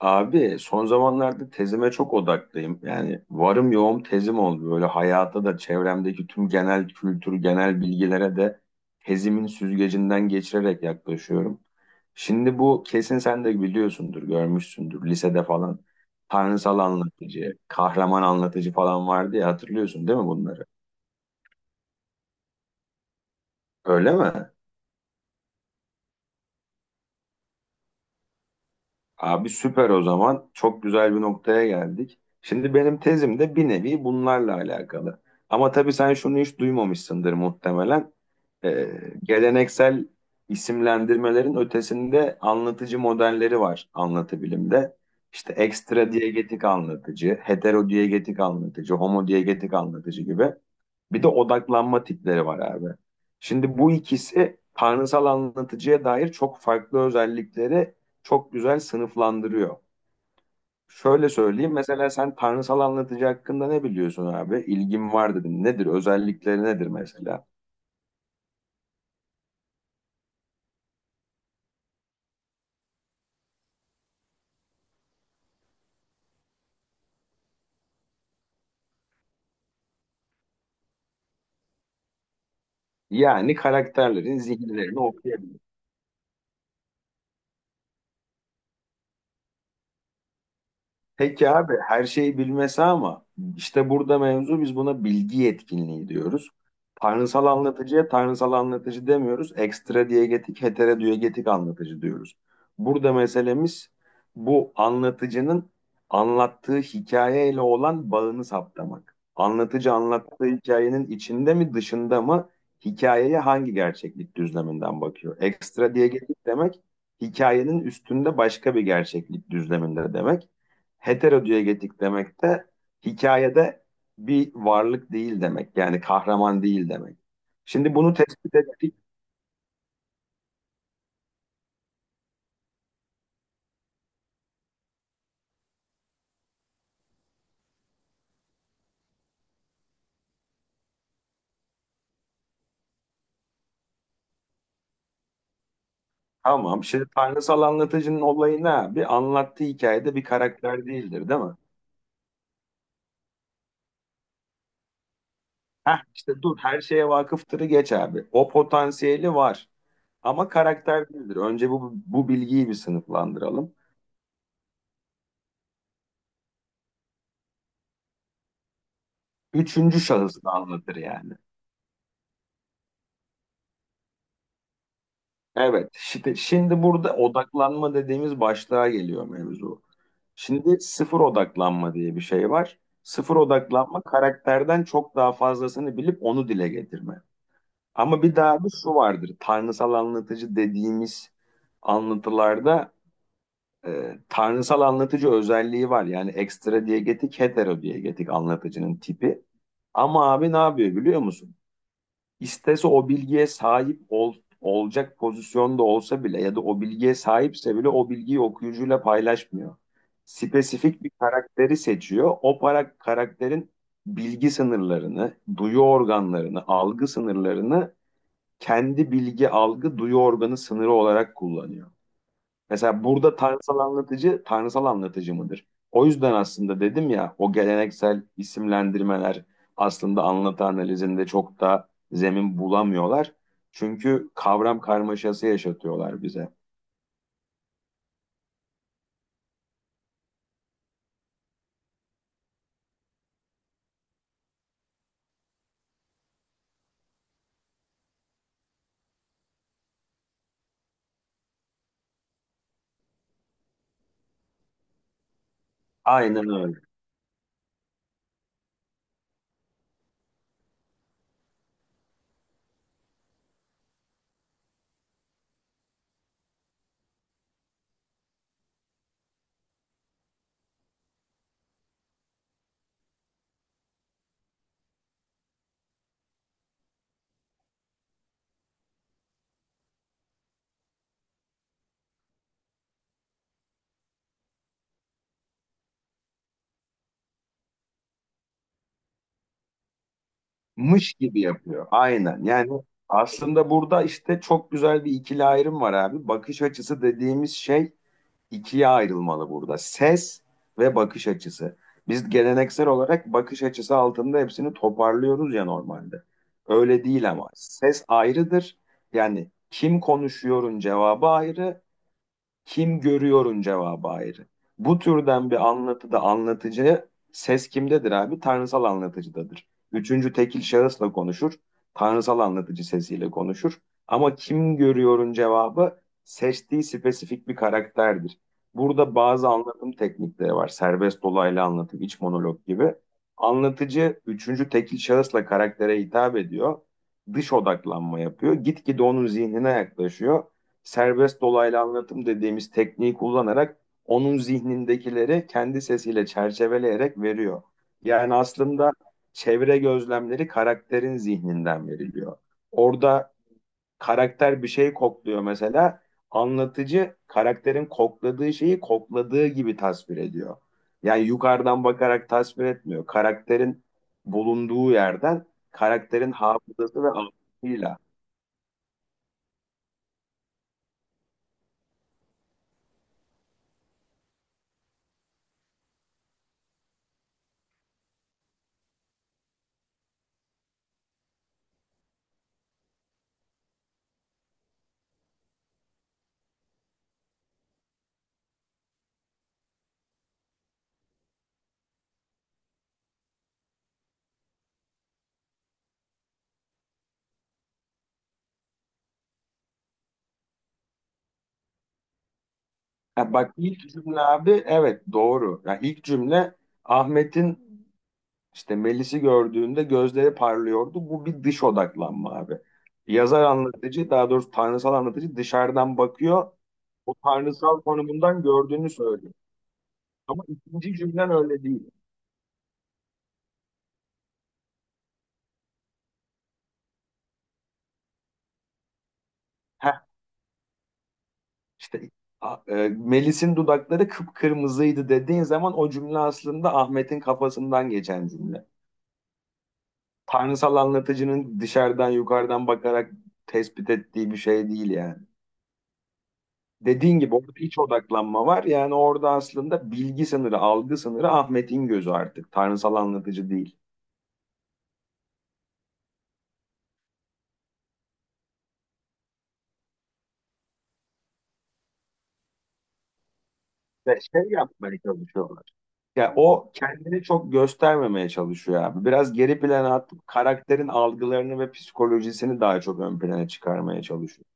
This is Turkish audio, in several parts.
Abi son zamanlarda tezime çok odaklıyım. Yani varım yoğum tezim oldu. Böyle hayata da çevremdeki tüm genel kültür, genel bilgilere de tezimin süzgecinden geçirerek yaklaşıyorum. Şimdi bu kesin sen de biliyorsundur, görmüşsündür lisede falan. Tanrısal anlatıcı, kahraman anlatıcı falan vardı ya hatırlıyorsun değil mi bunları? Öyle mi? Abi süper o zaman. Çok güzel bir noktaya geldik. Şimdi benim tezim de bir nevi bunlarla alakalı. Ama tabii sen şunu hiç duymamışsındır muhtemelen. Ee, geleneksel isimlendirmelerin ötesinde anlatıcı modelleri var anlatı bilimde. İşte ekstra diyegetik anlatıcı, hetero diyegetik anlatıcı, homo diyegetik anlatıcı gibi. Bir de odaklanma tipleri var abi. Şimdi bu ikisi tanrısal anlatıcıya dair çok farklı özellikleri çok güzel sınıflandırıyor. Şöyle söyleyeyim mesela sen tanrısal anlatıcı hakkında ne biliyorsun abi? İlgin var dedin. Nedir? Özellikleri nedir mesela? Yani karakterlerin zihinlerini okuyabilir. Peki abi her şeyi bilmesi ama işte burada mevzu biz buna bilgi yetkinliği diyoruz. Tanrısal anlatıcıya tanrısal anlatıcı demiyoruz. Ekstra diyegetik, heterodiyegetik anlatıcı diyoruz. Burada meselemiz bu anlatıcının anlattığı hikayeyle olan bağını saptamak. Anlatıcı anlattığı hikayenin içinde mi dışında mı hikayeye hangi gerçeklik düzleminden bakıyor? Ekstra diyegetik demek hikayenin üstünde başka bir gerçeklik düzleminde demek. Heterodiyegetik demek de hikayede bir varlık değil demek. Yani kahraman değil demek. Şimdi bunu tespit ettik. Tamam. Şimdi tanrısal anlatıcının olayı ne abi? Anlattığı hikayede bir karakter değildir, değil mi? Heh, işte dur her şeye vakıftırı geç abi. O potansiyeli var. Ama karakter değildir. Önce bu bilgiyi bir sınıflandıralım. Üçüncü şahıs da anlatır yani. Evet. Şimdi burada odaklanma dediğimiz başlığa geliyor mevzu. Şimdi sıfır odaklanma diye bir şey var. Sıfır odaklanma karakterden çok daha fazlasını bilip onu dile getirme. Ama bir daha bir şu vardır. Tanrısal anlatıcı dediğimiz anlatılarda tanrısal anlatıcı özelliği var. Yani ekstra diyegetik, hetero diyegetik anlatıcının tipi. Ama abi ne yapıyor biliyor musun? İstese o bilgiye sahip ol, olacak pozisyonda olsa bile ya da o bilgiye sahipse bile o bilgiyi okuyucuyla paylaşmıyor. Spesifik bir karakteri seçiyor. O para, karakterin bilgi sınırlarını, duyu organlarını, algı sınırlarını kendi bilgi, algı, duyu organı sınırı olarak kullanıyor. Mesela burada tanrısal anlatıcı tanrısal anlatıcı mıdır? O yüzden aslında dedim ya o geleneksel isimlendirmeler aslında anlatı analizinde çok da zemin bulamıyorlar. Çünkü kavram karmaşası yaşatıyorlar bize. Aynen öyle. Mış gibi yapıyor. Aynen. Yani aslında burada işte çok güzel bir ikili ayrım var abi. Bakış açısı dediğimiz şey ikiye ayrılmalı burada. Ses ve bakış açısı. Biz geleneksel olarak bakış açısı altında hepsini toparlıyoruz ya normalde. Öyle değil ama ses ayrıdır. Yani kim konuşuyorun cevabı ayrı, kim görüyorun cevabı ayrı. Bu türden bir anlatıda anlatıcı ses kimdedir abi? Tanrısal anlatıcıdadır. Üçüncü tekil şahısla konuşur. Tanrısal anlatıcı sesiyle konuşur. Ama kim görüyorun cevabı seçtiği spesifik bir karakterdir. Burada bazı anlatım teknikleri var. Serbest dolaylı anlatım, iç monolog gibi. Anlatıcı üçüncü tekil şahısla karaktere hitap ediyor. Dış odaklanma yapıyor. Gitgide onun zihnine yaklaşıyor serbest dolaylı anlatım dediğimiz tekniği kullanarak onun zihnindekileri kendi sesiyle çerçeveleyerek veriyor. Yani aslında çevre gözlemleri karakterin zihninden veriliyor. Orada karakter bir şey kokluyor mesela. Anlatıcı karakterin kokladığı şeyi kokladığı gibi tasvir ediyor. Yani yukarıdan bakarak tasvir etmiyor. Karakterin bulunduğu yerden karakterin hafızası ve algısıyla. Ha, bak ilk cümle abi evet doğru. Ya ilk cümle Ahmet'in işte Melis'i gördüğünde gözleri parlıyordu. Bu bir dış odaklanma abi. Yazar anlatıcı daha doğrusu tanrısal anlatıcı dışarıdan bakıyor. O tanrısal konumundan gördüğünü söylüyor. Ama ikinci cümlen öyle değil. Heh, işte Melis'in dudakları kıpkırmızıydı dediğin zaman o cümle aslında Ahmet'in kafasından geçen cümle. Tanrısal anlatıcının dışarıdan yukarıdan bakarak tespit ettiği bir şey değil yani. Dediğin gibi orada iç odaklanma var. Yani orada aslında bilgi sınırı, algı sınırı Ahmet'in gözü artık. Tanrısal anlatıcı değil. Ve şey yapmaya çalışıyorlar. Ya o kendini çok göstermemeye çalışıyor abi. Biraz geri plana atıp karakterin algılarını ve psikolojisini daha çok ön plana çıkarmaya çalışıyor.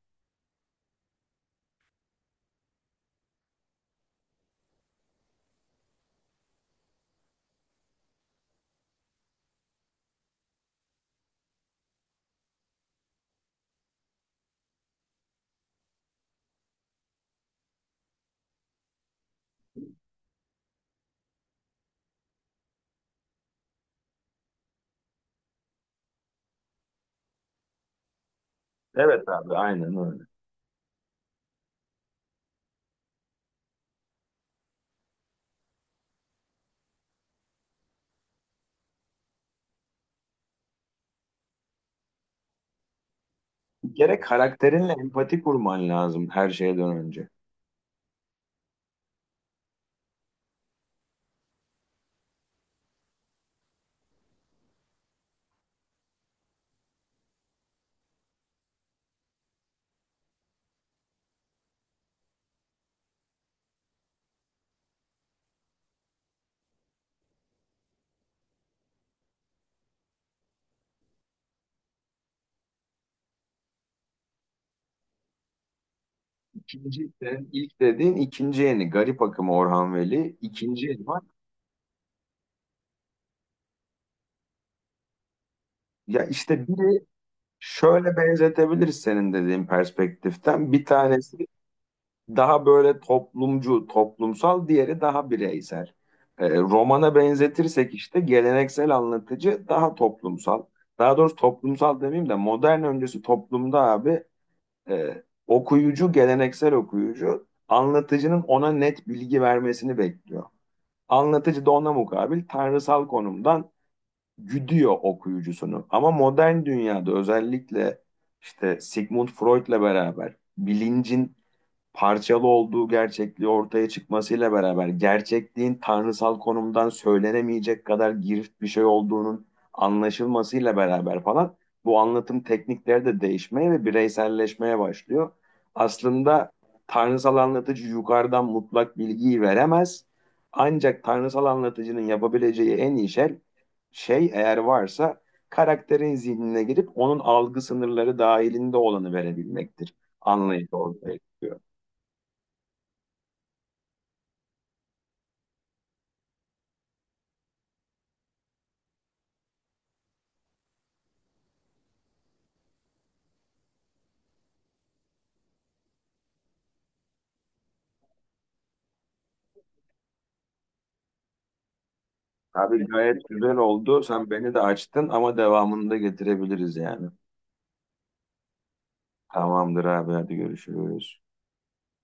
Evet abi aynen öyle. Bir kere karakterinle empati kurman lazım her şeyden önce. İkinci sen ilk dediğin ikinci yeni Garip Akım Orhan Veli ikinci yeni var. Ya işte biri şöyle benzetebiliriz senin dediğin perspektiften. Bir tanesi daha böyle toplumcu, toplumsal, diğeri daha bireysel. Romana benzetirsek işte geleneksel anlatıcı daha toplumsal. Daha doğrusu toplumsal demeyeyim de modern öncesi toplumda abi okuyucu, geleneksel okuyucu anlatıcının ona net bilgi vermesini bekliyor. Anlatıcı da ona mukabil tanrısal konumdan güdüyor okuyucusunu. Ama modern dünyada özellikle işte Sigmund Freud'la beraber bilincin parçalı olduğu gerçekliği ortaya çıkmasıyla beraber gerçekliğin tanrısal konumdan söylenemeyecek kadar girift bir şey olduğunun anlaşılmasıyla beraber falan bu anlatım teknikleri de değişmeye ve bireyselleşmeye başlıyor. Aslında tanrısal anlatıcı yukarıdan mutlak bilgiyi veremez. Ancak tanrısal anlatıcının yapabileceği en iyi şey, şey eğer varsa karakterin zihnine girip onun algı sınırları dahilinde olanı verebilmektir. Anlayıcı olmaya. Abi gayet güzel oldu. Sen beni de açtın ama devamını da getirebiliriz yani. Tamamdır abi hadi görüşürüz.